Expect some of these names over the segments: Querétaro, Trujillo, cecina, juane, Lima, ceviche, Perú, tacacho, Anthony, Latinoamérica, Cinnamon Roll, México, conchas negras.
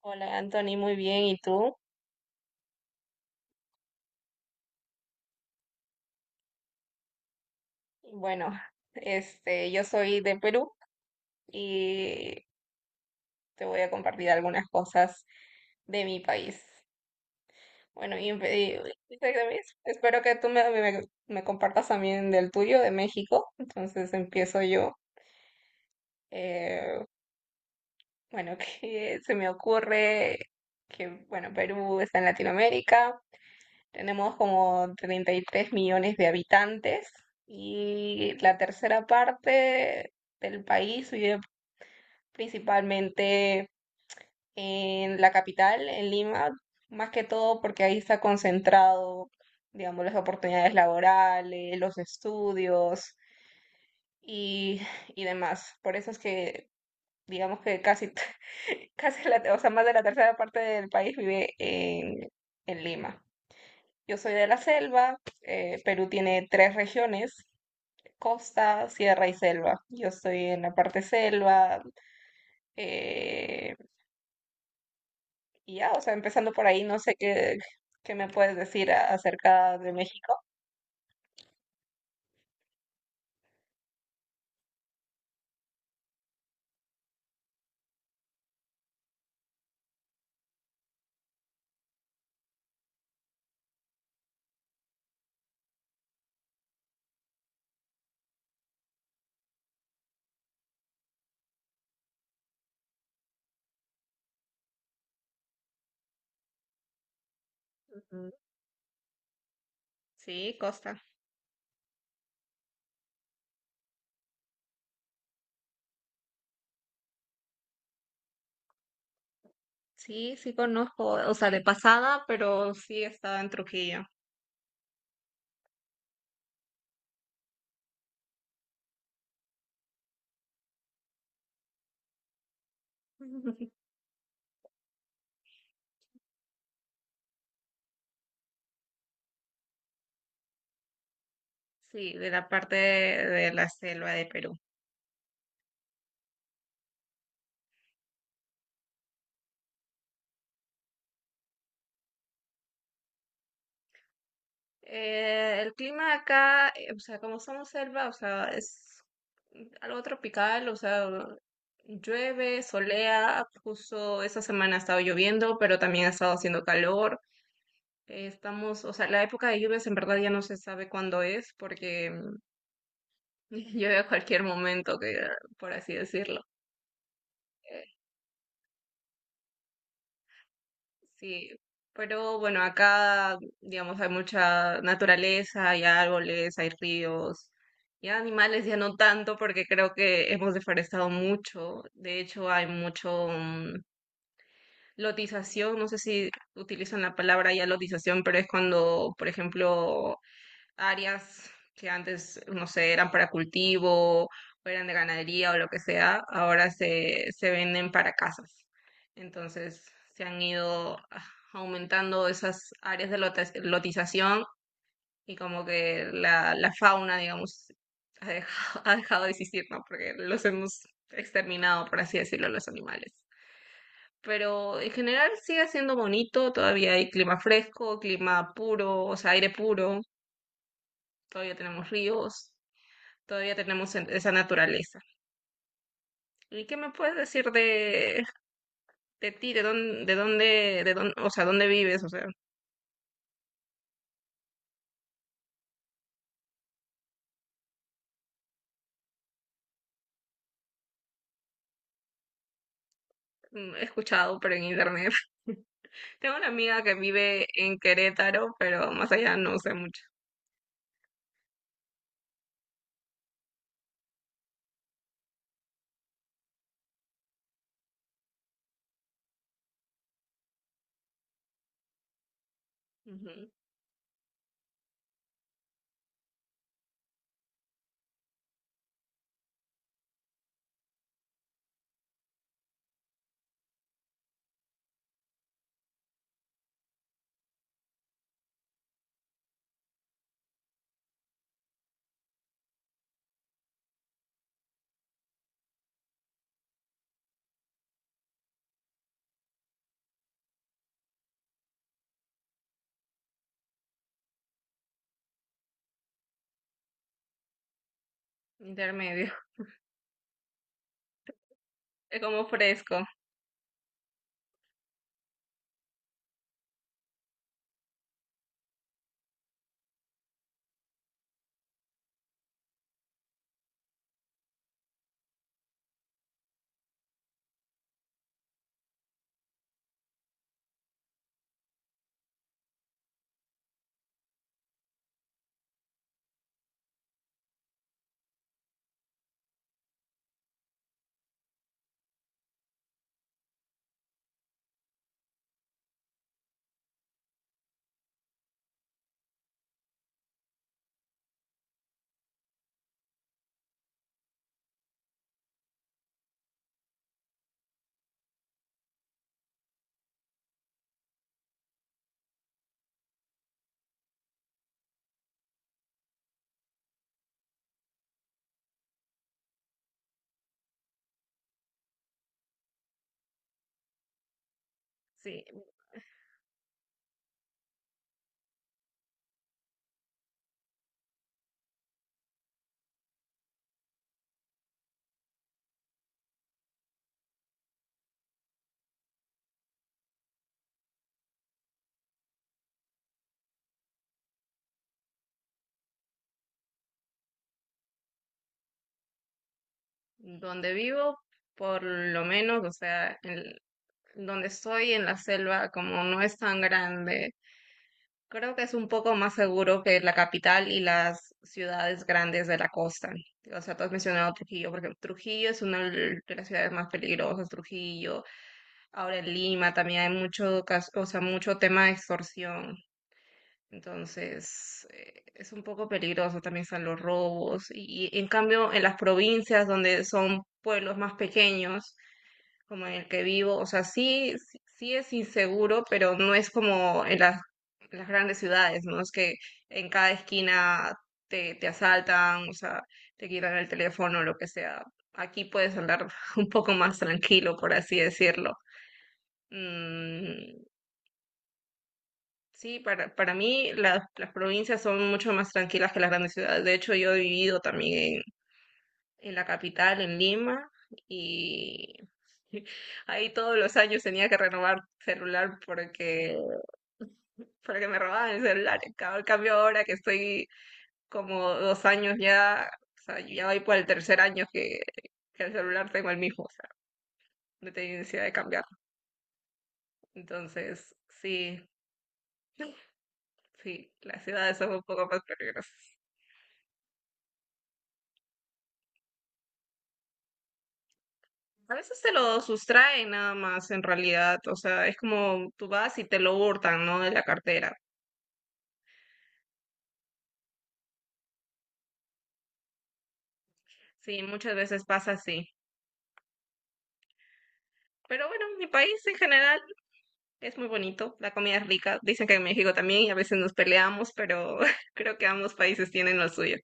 Hola Anthony, muy bien. ¿Y tú? Bueno, yo soy de Perú y te voy a compartir algunas cosas de mi país. Bueno, y también espero que tú me compartas también del tuyo, de México. Entonces empiezo yo. Eh, bueno, que se me ocurre que, bueno, Perú está en Latinoamérica. Tenemos como 33 millones de habitantes y la tercera parte del país vive principalmente en la capital, en Lima, más que todo porque ahí está concentrado, digamos, las oportunidades laborales, los estudios y, y demás. Por eso es que, digamos que casi o sea, más de la tercera parte del país vive en Lima. Yo soy de la selva. Perú tiene tres regiones: costa, sierra y selva. Yo estoy en la parte selva, eh, y ya, o sea, empezando por ahí, no sé qué, qué me puedes decir a- acerca de México. Ujú. Sí, costa. Sí, sí conozco, o sea, de pasada, pero sí estaba en Trujillo. Sí, de la parte de la selva de Perú. El clima acá, o sea, como somos selva, o sea, es algo tropical, o sea, llueve, solea, justo esta semana ha estado lloviendo, pero también ha estado haciendo calor. Estamos, o sea, la época de lluvias en verdad ya no se sabe cuándo es, porque llueve a cualquier momento, que, por así decirlo. Sí, pero bueno, acá, digamos, hay mucha naturaleza, hay árboles, hay ríos, y animales ya no tanto porque creo que hemos deforestado mucho. De hecho, hay mucho lotización, no sé si utilizan la palabra ya lotización, pero es cuando, por ejemplo, áreas que antes, no sé, eran para cultivo, o eran de ganadería o lo que sea, ahora se, se venden para casas. Entonces se han ido aumentando esas áreas de lotización y como que la fauna, digamos, ha dejado, ha dejado de existir, ¿no? Porque los hemos exterminado, por así decirlo, los animales. Pero en general sigue siendo bonito, todavía hay clima fresco, clima puro, o sea, aire puro, todavía tenemos ríos. Todavía tenemos esa naturaleza. ¿Y qué me puedes decir de ti? ¿De dónde, o sea, dónde vives? O sea, mm, he escuchado, pero en internet. Tengo una amiga que vive en Querétaro, pero más allá no sé mucho. Ujú. Intermedio. Es como fresco. Sí, donde vivo, por lo menos, o sea, donde estoy en la selva, como no es tan grande, creo que es un poco más seguro que la capital y las ciudades grandes de la costa. O sea, tú has mencionado Trujillo, porque Trujillo es una de las ciudades más peligrosas, Trujillo. Ahora en Lima también hay mucho, o sea, mucho tema de extorsión. Entonces, es un poco peligroso, también están los robos. Y en cambio, en las provincias donde son pueblos más pequeños, como en el que vivo, o sea, sí, sí es inseguro, pero no es como en las grandes ciudades, ¿no? Es que en cada esquina te asaltan, o sea, te quitan el teléfono, lo que sea. Aquí puedes andar un poco más tranquilo, por así decirlo. Mm, sí, para mí las provincias son mucho más tranquilas que las grandes ciudades. De hecho, yo he vivido también en la capital, en Lima, y ahí todos los años tenía que renovar celular porque, porque me robaban el celular. En cambio, ahora que estoy como dos años ya, o sea, yo ya voy por el tercer año que el celular tengo el mismo, o sea, no tengo necesidad de cambiar. Entonces, sí, sí, las ciudades son un poco más peligrosas. A veces te lo sustraen nada más en realidad, o sea, es como tú vas y te lo hurtan, ¿no? De la cartera. Sí, muchas veces pasa así. Pero bueno, mi país en general es muy bonito, la comida es rica. Dicen que en México también y a veces nos peleamos, pero creo que ambos países tienen lo suyo.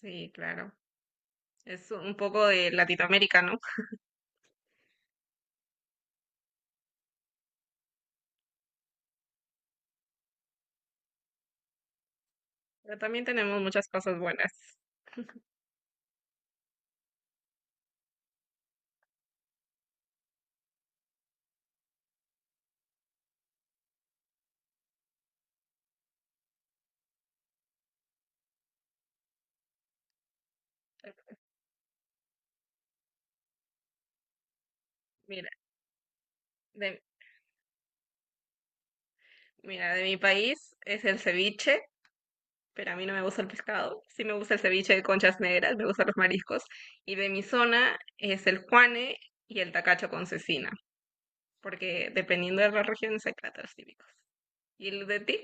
Sí, claro. Es un poco de Latinoamérica, ¿no? Pero también tenemos muchas cosas buenas. Mira, de, mira, de mi país es el ceviche, pero a mí no me gusta el pescado. Sí me gusta el ceviche de conchas negras, me gustan los mariscos. Y de mi zona es el juane y el tacacho con cecina, porque dependiendo de la región hay platos típicos. ¿Y el de ti?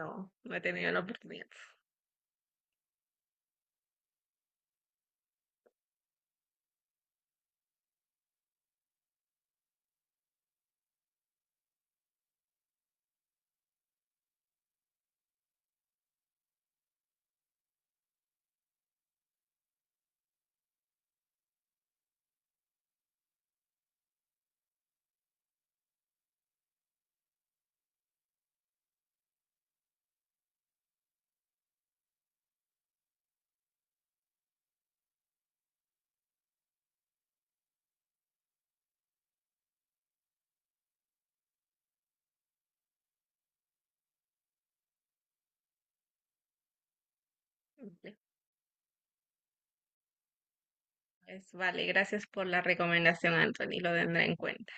No, no he tenido la oportunidad. Ya. Pues vale, gracias por la recomendación, Anthony, lo tendré en cuenta.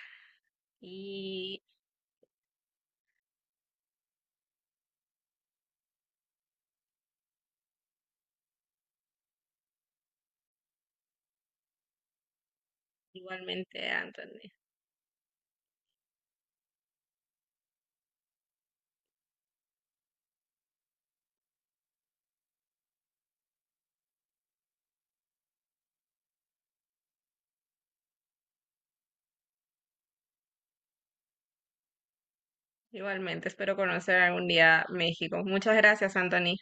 Y igualmente, Anthony, igualmente, espero conocer algún día México. Muchas gracias, Anthony.